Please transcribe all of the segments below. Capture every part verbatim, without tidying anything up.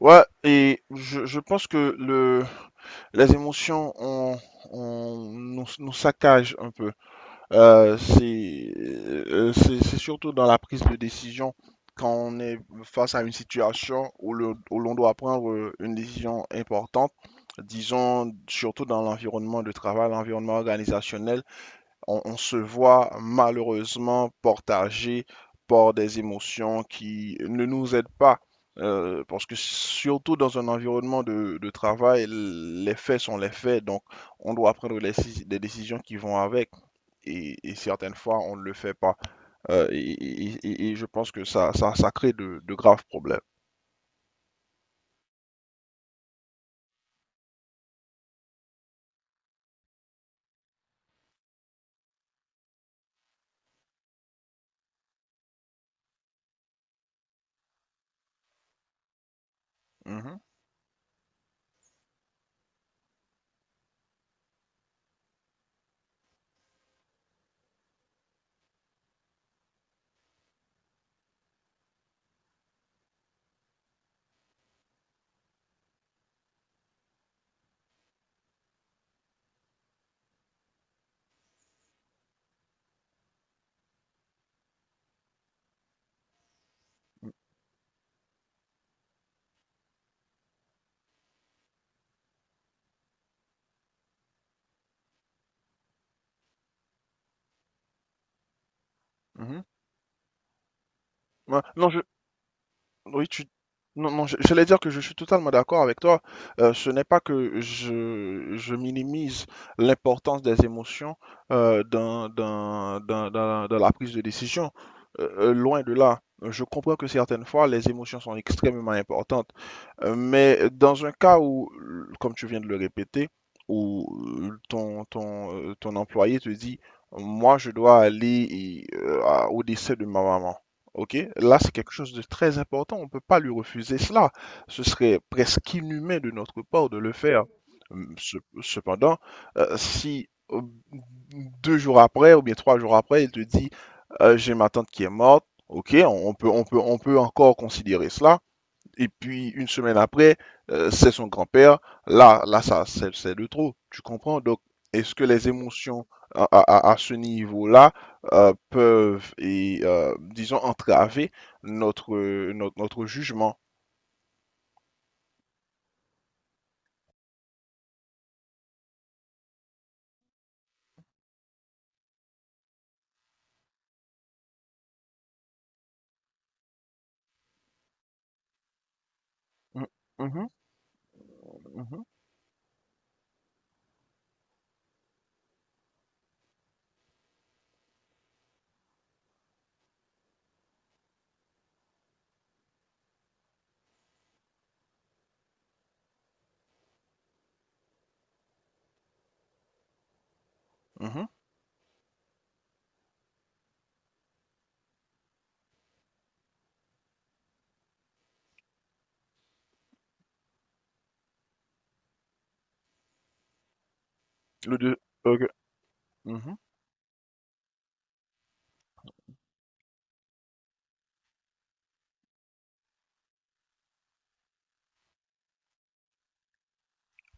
Ouais, et je, je pense que le, les émotions on, on, nous, nous saccagent un peu. Euh, c'est euh, c'est c'est surtout dans la prise de décision quand on est face à une situation où le- où l'on doit prendre euh, une décision importante, disons surtout dans l'environnement de travail, l'environnement organisationnel on, on se voit malheureusement partagé par des émotions qui ne nous aident pas. Euh, parce que surtout dans un environnement de, de travail, les faits sont les faits, donc on doit prendre les, des décisions qui vont avec, et, et certaines fois on ne le fait pas. Euh, et, et- et- je pense que ça, ça, ça crée de, de graves problèmes. Mhm, mhm. Ouais. Non, je... Oui, tu... Non, non, je- j'allais dire que je suis totalement d'accord avec toi. Euh, ce n'est pas que je, je minimise l'importance des émotions euh, dans, dans, dans, dans- dans la prise de décision. Euh, euh, loin de là. Je comprends que certaines fois, les émotions sont extrêmement importantes. Euh, mais dans un cas où, euh, comme tu viens de le répéter, où euh, ton, ton, euh, ton employé te dit, moi, je dois aller euh, à- au décès de ma maman. OK? Là, c'est quelque chose de très important. On ne peut pas lui refuser cela. Ce serait presque inhumain de notre part de le faire. Hum, ce- Cependant, euh, si euh, deux jours après ou bien trois jours après, il te dit, euh, j'ai ma tante qui est morte, OK, on on peut, on peut, on peut encore considérer cela. Et puis une semaine après, euh, c'est son grand-père. Là, là, ça, c'est c'est de trop. Tu comprends? Donc, est-ce que les émotions à, à- à- ce niveau-là euh, peuvent, et, euh, disons, entraver notre, euh, notre, notre jugement? Mhm, mhm, mhm, mhm. Le deux. Ok. Mhm.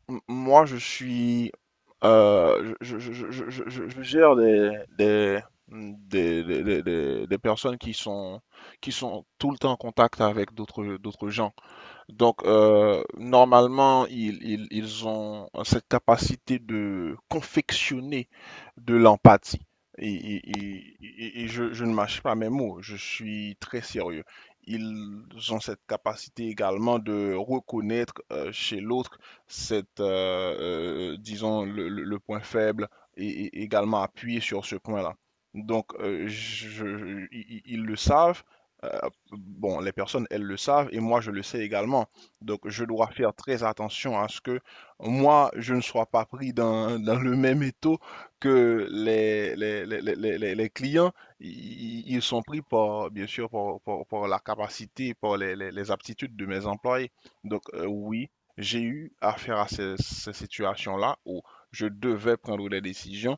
M- Moi, je suis, euh, je, je- je- je- je- je- je gère des, des, des, des- des- des- des personnes qui sont, qui sont tout le temps en contact avec d'autres, d'autres gens. Donc, euh, normalement, ils, ils- ils ont cette capacité de confectionner de l'empathie. Et, et- et- et- et je, je ne mâche pas mes mots, je suis très sérieux. Ils ont cette capacité également de reconnaître euh, chez l'autre cette, euh, euh, disons, le, le- le point faible et, et également appuyer sur ce point-là. Donc, euh, je- je- ils ils- ils le savent. Euh, bon, les personnes, elles le savent et moi, je le sais également. Donc, je dois faire très attention à ce que moi, je ne sois pas pris dans, dans le même étau que les, les, les, les, les- les clients. Ils ils sont pris par, bien sûr, par, par, par la capacité, par les, les, les aptitudes de mes employés. Donc, euh, oui, j'ai eu affaire à ces, ces situations-là où je devais prendre des décisions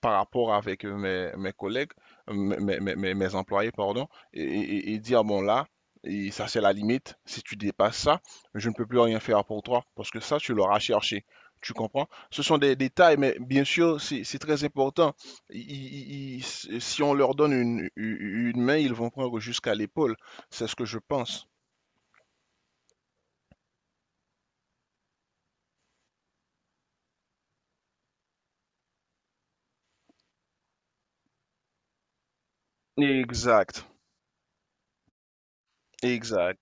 par rapport avec mes, mes collègues, mes, mes, mes, mes mes employés, pardon, et, et- et dire, bon là, et ça c'est la limite, si tu dépasses ça, je ne peux plus rien faire pour toi, parce que ça, tu l'auras cherché. Tu comprends? Ce sont des détails, mais bien sûr, c'est c'est très important. Ils- ils- ils- Si on leur donne une, une main, ils vont prendre jusqu'à l'épaule. C'est ce que je pense. Exact, exact.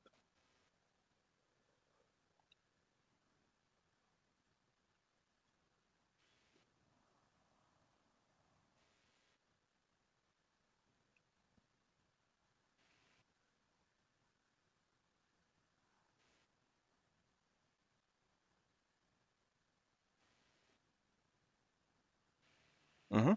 Mhm.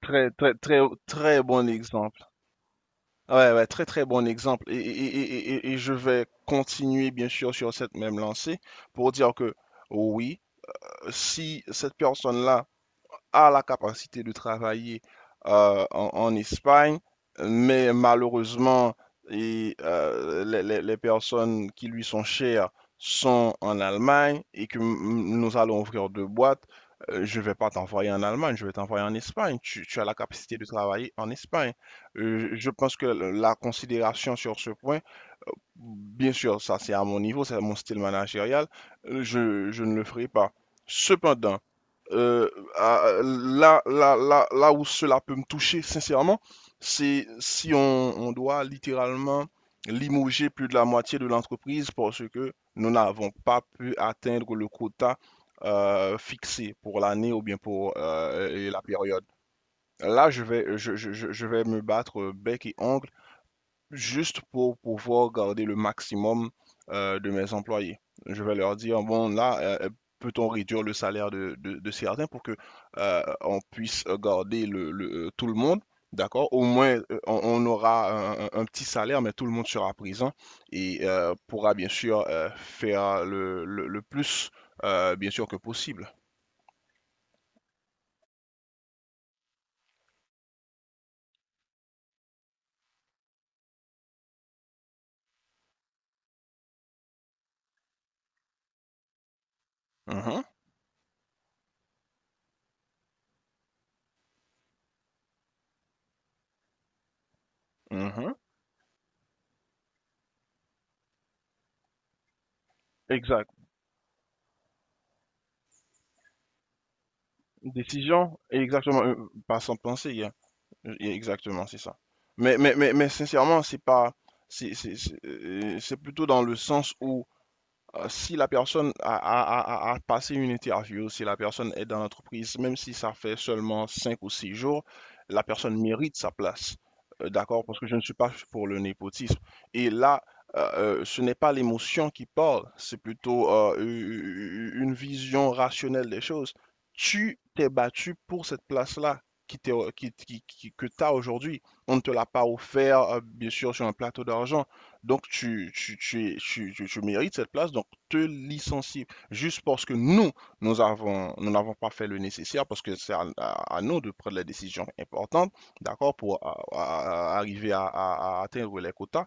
Très, très, très, très bon exemple. Ouais, ouais, très, très bon exemple. Et, et- et- et- et- et je vais continuer, bien sûr, sur cette même lancée pour dire que oui. Si cette personne-là a la capacité de travailler euh, en, en Espagne, mais malheureusement, et, euh, les, les- les personnes qui lui sont chères sont en Allemagne et que nous allons ouvrir deux boîtes, euh, je ne vais pas t'envoyer en Allemagne, je vais t'envoyer en Espagne. Tu, tu as la capacité de travailler en Espagne. Euh, je pense que la considération sur ce point, bien sûr, ça c'est à mon niveau, c'est mon style managérial, euh, je, je ne le ferai pas. Cependant, euh, à- là, là, là, là où cela peut me toucher, sincèrement, c'est si on, on doit littéralement limoger plus de la moitié de l'entreprise parce que nous n'avons pas pu atteindre le quota euh, fixé pour l'année ou bien pour euh, la période. Là, je vais, je, je- je- je vais me battre bec et ongle juste pour pouvoir garder le maximum euh, de mes employés. Je vais leur dire, bon, là, euh, peut-on réduire le salaire de, de- de certains pour que euh, on puisse garder le, le- euh, tout le monde, d'accord? Au moins, euh, on, on aura un, un- petit salaire, mais tout le monde sera présent et euh, pourra bien sûr euh, faire le, le- le plus, euh, bien sûr, que possible. Mhm, mhm. Exact. Décision, exactement, euh, pas sans penser, hein. Exactement, c'est ça. Mais, mais, mais, mais sincèrement, c'est pas, c'est c'est- c'est- euh, c'est plutôt dans le sens où euh, si la personne a, a- a- a passé une interview, si la personne est dans l'entreprise, même si ça fait seulement cinq ou six jours, la personne mérite sa place. Euh, d'accord? Parce que je ne suis pas pour le népotisme. Et là, euh, euh, ce n'est pas l'émotion qui parle, c'est plutôt euh, u- u- une vision rationnelle des choses. Tu t'es battu pour cette place-là qui t'est- qui- qui- qui- que tu as aujourd'hui. On ne te l'a pas offert, euh, bien sûr, sur un plateau d'argent. Donc, tu, tu, tu, es- tu, tu- tu mérites cette place, donc te licencier juste parce que nous, nous avons, nous n'avons pas fait le nécessaire parce que c'est à, à- à nous de prendre les décisions importantes, d'accord, pour euh, à- arriver à, à- à atteindre les quotas.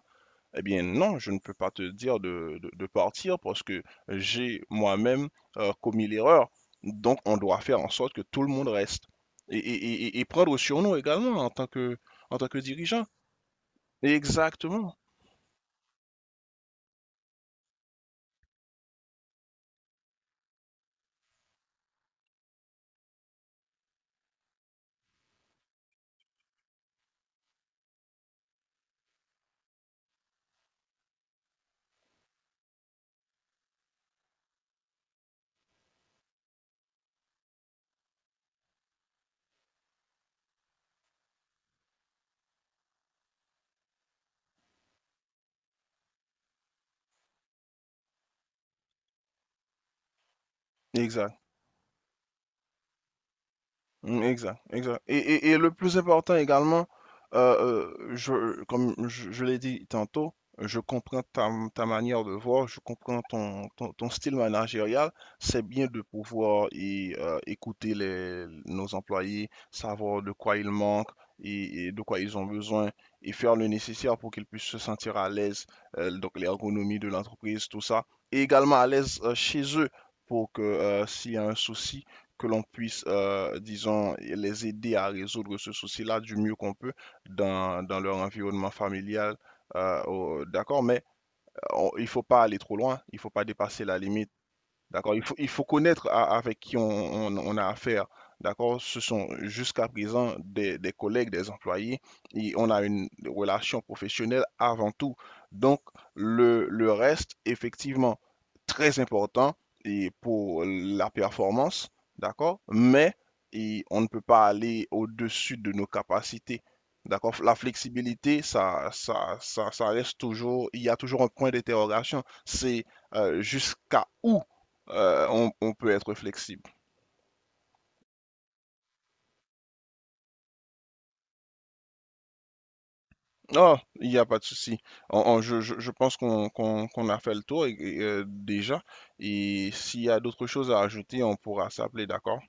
Eh bien, non, je ne peux pas te dire de, de- de partir parce que j'ai moi-même euh, commis l'erreur. Donc, on doit faire en sorte que tout le monde reste et, et- et- et prendre sur nous également en tant que, en tant que dirigeant. Exactement, exact. Mm, exact, exact. Et, et- et le plus important également, euh, euh, je, comme je, je l'ai dit tantôt, je comprends ta, ta manière de voir, je comprends ton, ton, ton style managérial. C'est bien de pouvoir y, euh, écouter les, nos employés, savoir de quoi ils manquent et, et de quoi ils ont besoin et faire le nécessaire pour qu'ils puissent se sentir à l'aise, euh, donc l'ergonomie de l'entreprise, tout ça. Et également à l'aise euh, chez eux pour que euh, s'il y a un souci, que l'on puisse, euh, disons, les aider à résoudre ce souci-là du mieux qu'on peut dans, dans leur environnement familial. Euh, au- d'accord, mais euh, on- il ne faut pas aller trop loin, il ne faut pas dépasser la limite. D'accord, il faut, il faut connaître à- avec qui on, on- on a affaire. D'accord, ce sont jusqu'à présent des, des collègues, des employés, et on a une relation professionnelle avant tout. Donc, le, le reste, effectivement, très important et pour la performance, d'accord, mais et on ne peut pas aller au-dessus de nos capacités. D'accord, la flexibilité, ça, ça, ça, ça reste toujours, il y a toujours un point d'interrogation, c'est euh, jusqu'à où euh, on, on peut être flexible. Non, il n'y a pas de souci. On- on- je, je- je pense qu'on qu'on- qu'on a fait le tour et- et, euh, déjà. Et s'il y a d'autres choses à ajouter, on pourra s'appeler, d'accord?